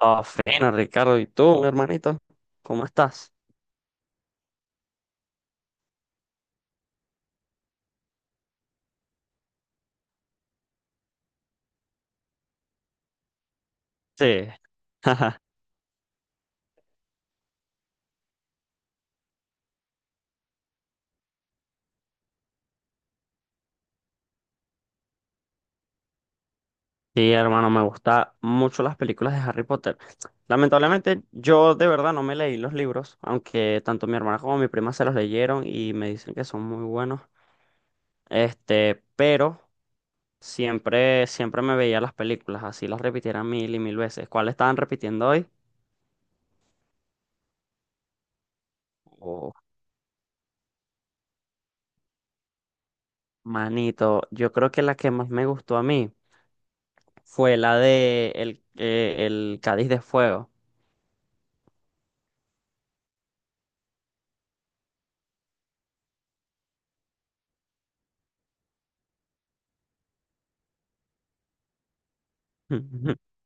Ah, fino, Ricardo. ¿Y tú, mi hermanito? ¿Cómo estás? Sí. Sí, hermano, me gustan mucho las películas de Harry Potter. Lamentablemente, yo de verdad no me leí los libros, aunque tanto mi hermana como mi prima se los leyeron y me dicen que son muy buenos. Este, pero siempre me veía las películas, así las repitieran mil y mil veces. ¿Cuál estaban repitiendo hoy? Oh, manito, yo creo que la que más me gustó a mí fue la de el Cádiz de Fuego.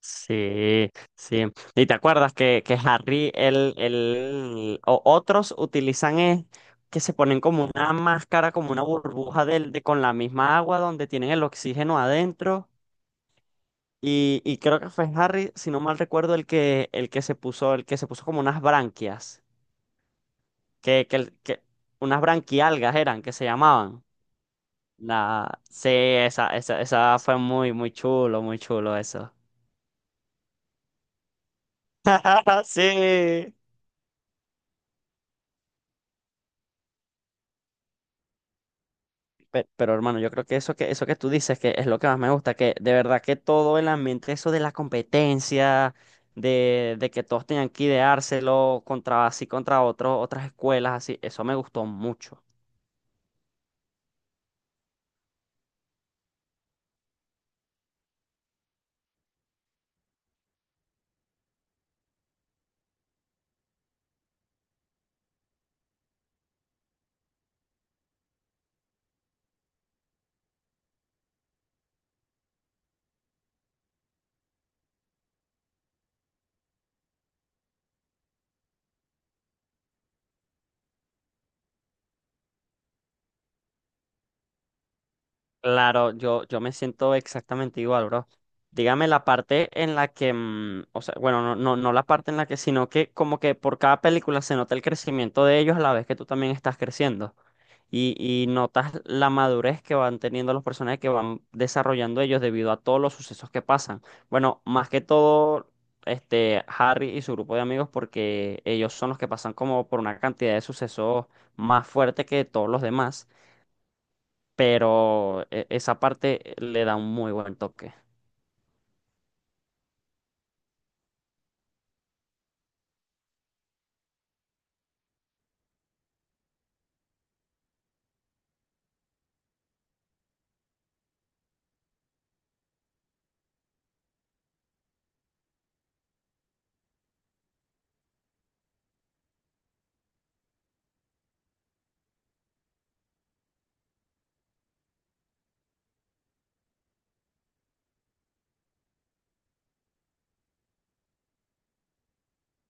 Sí, sí. ¿Y te acuerdas que Harry, el, o otros utilizan es que se ponen como una máscara, como una burbuja de con la misma agua donde tienen el oxígeno adentro? Y creo que fue Harry, si no mal recuerdo, el que se puso como unas branquias, que, el- que unas branquialgas eran, que se llamaban. La, sí, esa fue muy chulo, muy chulo eso. Sí. Pero, hermano, yo creo que eso que tú dices que es lo que más me gusta, que de verdad que todo el ambiente, eso de la competencia, de que todos tenían que ideárselo contra así contra otras escuelas, así, eso me gustó mucho. Claro, yo me siento exactamente igual, bro. Dígame la parte en la que, o sea, bueno, no, no, no la parte en la que, sino que como que por cada película se nota el crecimiento de ellos a la vez que tú también estás creciendo. Y notas la madurez que van teniendo los personajes que van desarrollando ellos debido a todos los sucesos que pasan. Bueno, más que todo, este, Harry y su grupo de amigos, porque ellos son los que pasan como por una cantidad de sucesos más fuerte que todos los demás, pero esa parte le da un muy buen toque.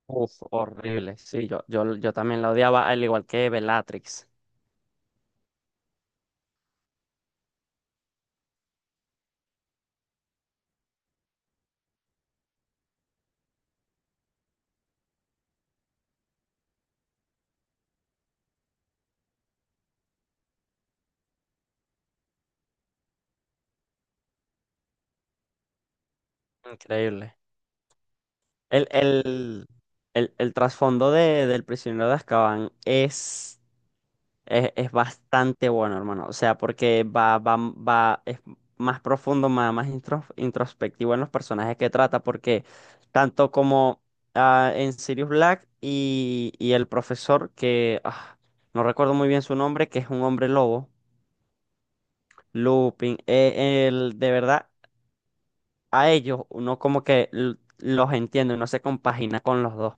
Uf, horrible. Sí, yo también la odiaba, al igual que Bellatrix. Increíble. El, el, el trasfondo del prisionero de Azkaban es. Es bastante bueno, hermano. O sea, porque es más profundo, más introspectivo en los personajes que trata, porque tanto como ah, en Sirius Black y el profesor, que ah, no recuerdo muy bien su nombre, que es un hombre lobo, Lupin, el, de verdad, a ellos uno como que los entiende, uno se compagina con los dos.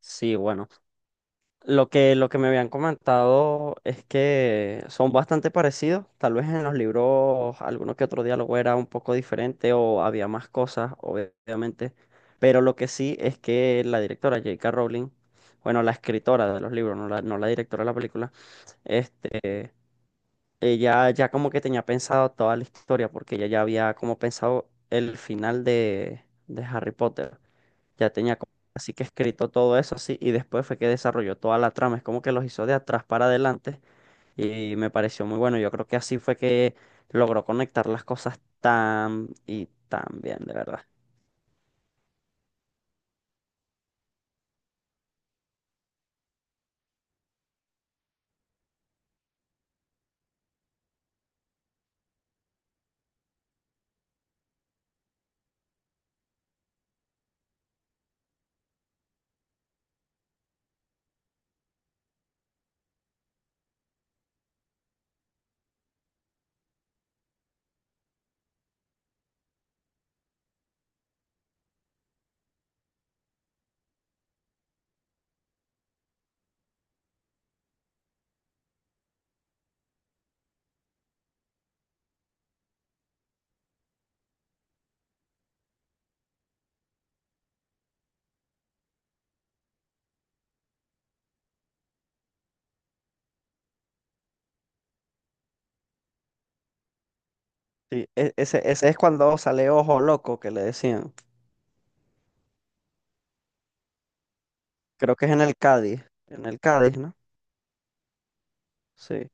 Sí, bueno. Lo que me habían comentado es que son bastante parecidos. Tal vez en los libros alguno que otro diálogo era un poco diferente o había más cosas, obviamente. Pero lo que sí es que la directora J.K. Rowling, bueno, la escritora de los libros, no la directora de la película, este, ella ya como que tenía pensado toda la historia porque ella ya había como pensado el final de Harry Potter, ya tenía como así que escrito todo eso así y después fue que desarrolló toda la trama, es como que los hizo de atrás para adelante y me pareció muy bueno, yo creo que así fue que logró conectar las cosas tan y tan bien, de verdad. Sí, ese es cuando sale Ojo Loco que le decían, creo que es en el Cádiz, ¿no? Sí.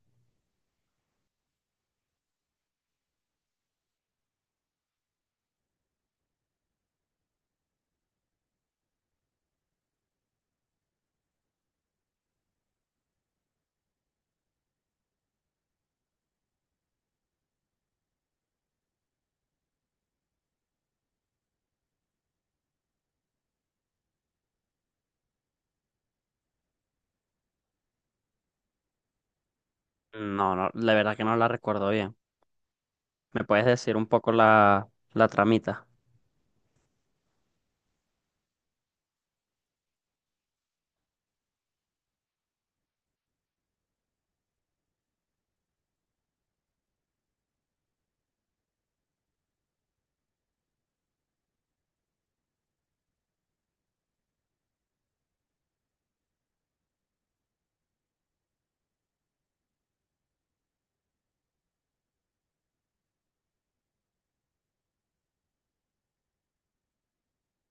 No, no, la verdad que no la recuerdo bien. ¿Me puedes decir un poco la tramita?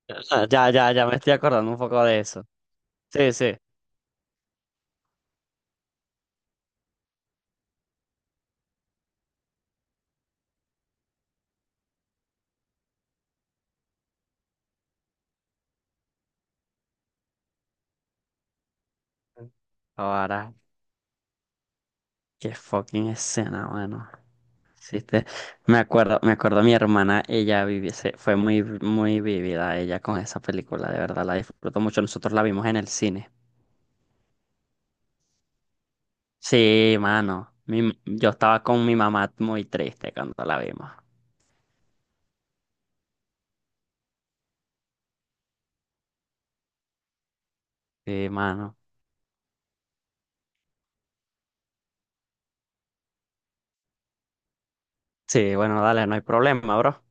Ya me estoy acordando un poco de eso. Sí, sí. Ahora. Qué fucking escena, mano. Sí, te. Me acuerdo mi hermana, fue muy vivida ella con esa película, de verdad, la disfrutó mucho. Nosotros la vimos en el cine. Sí, mano. Yo estaba con mi mamá muy triste cuando la vimos. Sí, mano. Sí, bueno, dale, no hay problema, bro.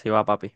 Sí, va, papi.